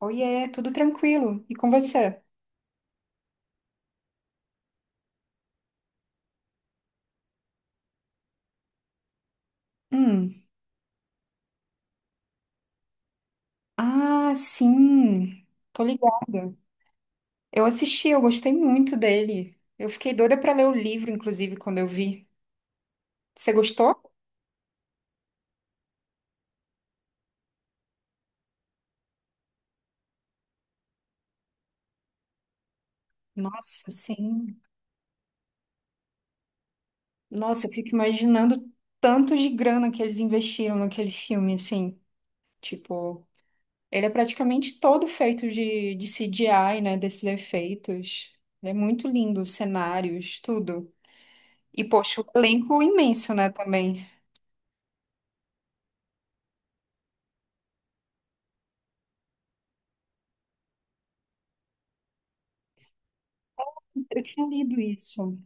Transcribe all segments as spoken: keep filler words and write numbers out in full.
Oiê, tudo tranquilo. E com você? Hum. Ah, sim. Tô ligada. Eu assisti, eu gostei muito dele. Eu fiquei doida pra ler o livro, inclusive, quando eu vi. Você gostou? Nossa, sim. Nossa, eu fico imaginando tanto de grana que eles investiram naquele filme, assim. Tipo, ele é praticamente todo feito de, de C G I, né? Desses efeitos. Ele é muito lindo, os cenários, tudo. E, poxa, o elenco imenso, né, também. Eu tinha lido isso.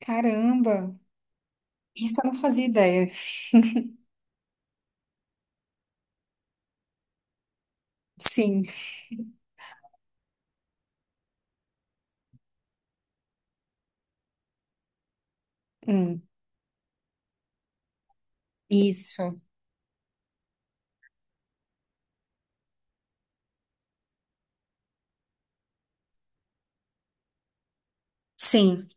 Caramba, isso eu não fazia ideia. Sim, hum, isso. Sim,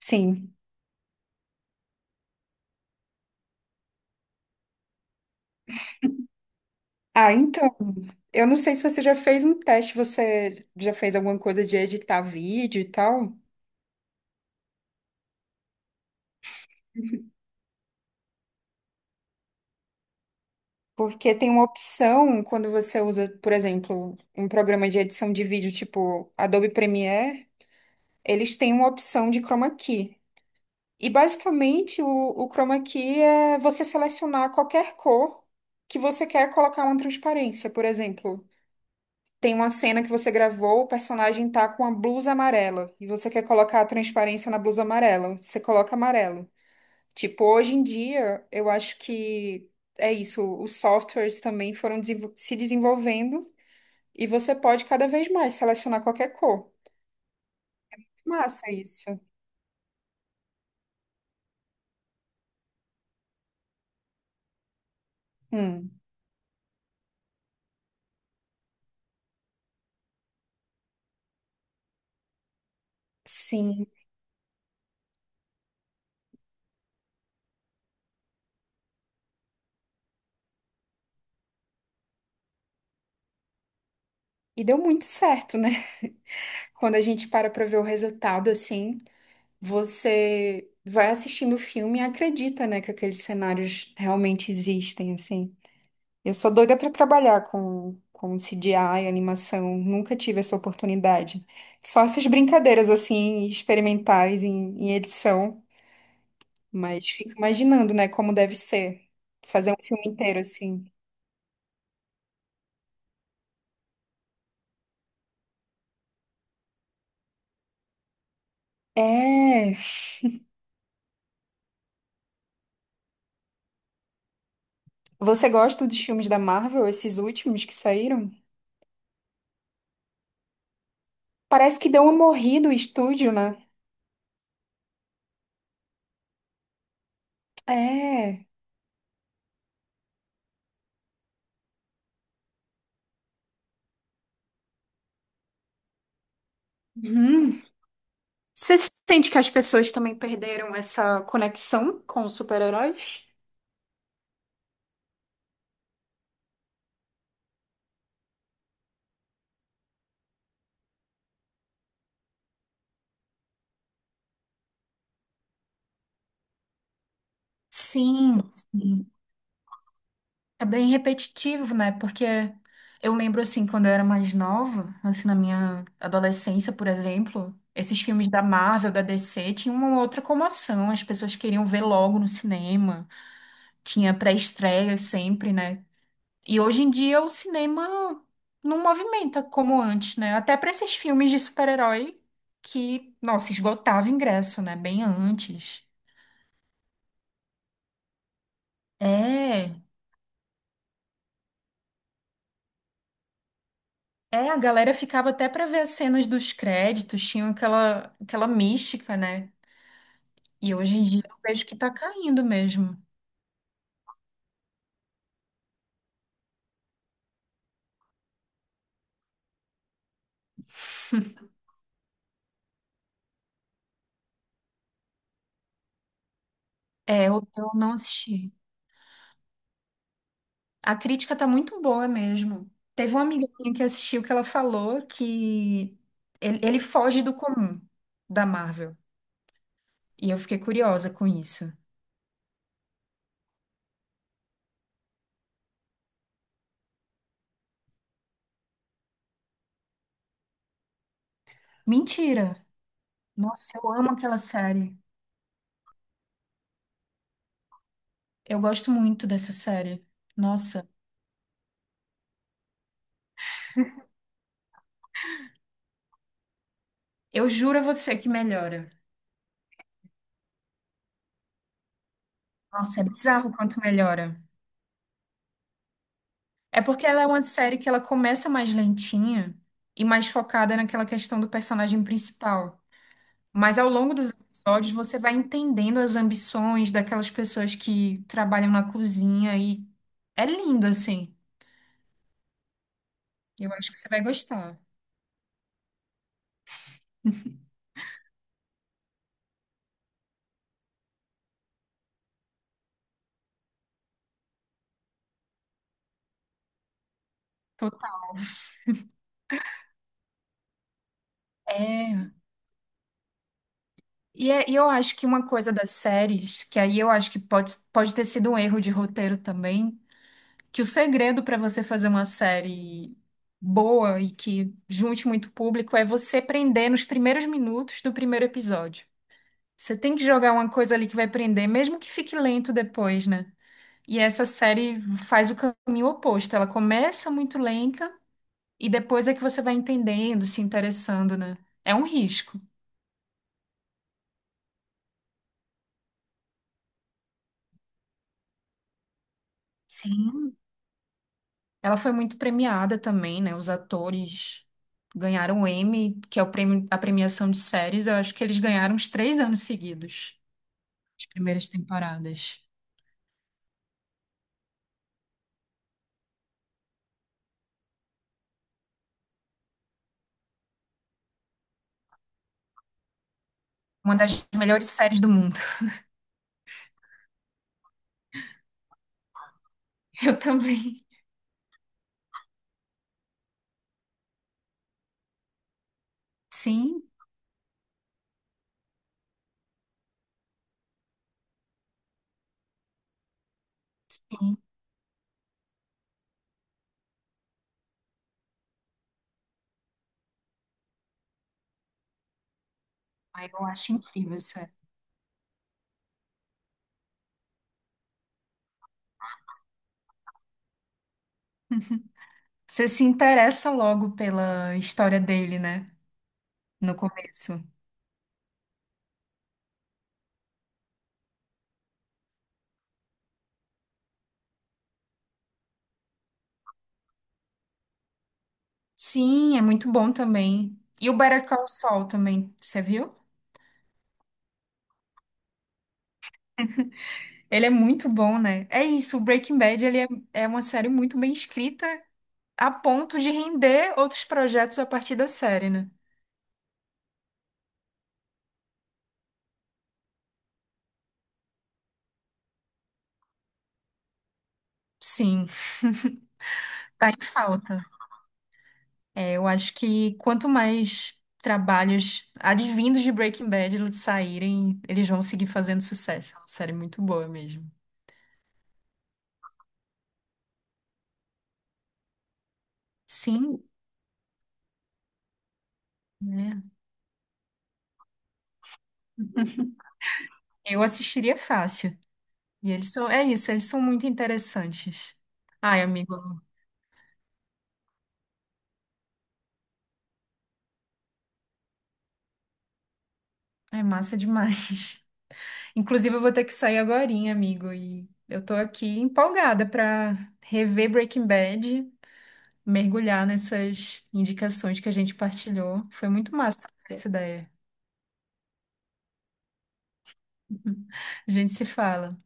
sim. Ah, então, eu não sei se você já fez um teste, você já fez alguma coisa de editar vídeo e tal? Porque tem uma opção quando você usa, por exemplo, um programa de edição de vídeo tipo Adobe Premiere, eles têm uma opção de chroma key. E basicamente o, o chroma key é você selecionar qualquer cor que você quer colocar uma transparência. Por exemplo, tem uma cena que você gravou, o personagem tá com uma blusa amarela e você quer colocar a transparência na blusa amarela. Você coloca amarelo. Tipo, hoje em dia, eu acho que é isso. Os softwares também foram desenvol- se desenvolvendo e você pode cada vez mais selecionar qualquer cor. Massa isso. Hum, sim. E deu muito certo, né? Quando a gente para pra ver o resultado, assim, você vai assistindo o filme e acredita, né, que aqueles cenários realmente existem, assim. Eu sou doida pra trabalhar com, com C G I, animação, nunca tive essa oportunidade. Só essas brincadeiras, assim, experimentais em, em edição, mas fico imaginando, né, como deve ser fazer um filme inteiro, assim. É. Você gosta dos filmes da Marvel, esses últimos que saíram? Parece que deu uma morrida o estúdio, né? É. Hum. Você sente que as pessoas também perderam essa conexão com os super-heróis? Sim, sim. É bem repetitivo, né? Porque eu lembro, assim, quando eu era mais nova, assim, na minha adolescência, por exemplo, esses filmes da Marvel, da D C, tinham uma outra comoção, as pessoas queriam ver logo no cinema, tinha pré-estreia sempre, né? E hoje em dia o cinema não movimenta como antes, né? Até para esses filmes de super-herói que, nossa, esgotava ingresso, né? Bem antes. É, é, a galera ficava até para ver as cenas dos créditos, tinha aquela, aquela mística, né? E hoje em dia eu vejo que tá caindo mesmo. É, eu, eu não assisti. A crítica tá muito boa mesmo. Teve uma amiga minha que assistiu que ela falou que ele, ele foge do comum da Marvel. E eu fiquei curiosa com isso. Mentira! Nossa, eu amo aquela série. Eu gosto muito dessa série. Nossa, eu juro a você que melhora. Nossa, é bizarro o quanto melhora. É porque ela é uma série que ela começa mais lentinha e mais focada naquela questão do personagem principal. Mas ao longo dos episódios você vai entendendo as ambições daquelas pessoas que trabalham na cozinha e é lindo assim. Eu acho que você vai gostar. Total. É. E, é- e eu acho que uma coisa das séries, que aí eu acho que pode, pode ter sido um erro de roteiro também, que o segredo para você fazer uma série boa e que junte muito público é você prender nos primeiros minutos do primeiro episódio. Você tem que jogar uma coisa ali que vai prender, mesmo que fique lento depois, né? E essa série faz o caminho oposto. Ela começa muito lenta e depois é que você vai entendendo, se interessando, né? É um risco. Sim. Ela foi muito premiada também, né? Os atores ganharam o Emmy, que é o prêmio, a premiação de séries. Eu acho que eles ganharam uns três anos seguidos, as primeiras temporadas. Uma das melhores séries do mundo. Eu também. Sim, sim. Aí eu acho incrível isso. É. Você se interessa logo pela história dele, né? No começo. Sim, é muito bom também. E o Better Call Saul também, você viu? Ele é muito bom, né? É isso, o Breaking Bad ele é, é uma série muito bem escrita a ponto de render outros projetos a partir da série, né? Sim, tá em falta. É, eu acho que quanto mais trabalhos advindos de Breaking Bad saírem, eles vão seguir fazendo sucesso. É uma série muito boa mesmo. Sim, né? Eu assistiria fácil. E eles são, é isso, eles são muito interessantes. Ai, amigo, é massa demais. Inclusive, eu vou ter que sair agorinha, amigo, e eu tô aqui empolgada pra rever Breaking Bad, mergulhar nessas indicações que a gente partilhou. Foi muito massa trocar essa ideia. A gente se fala.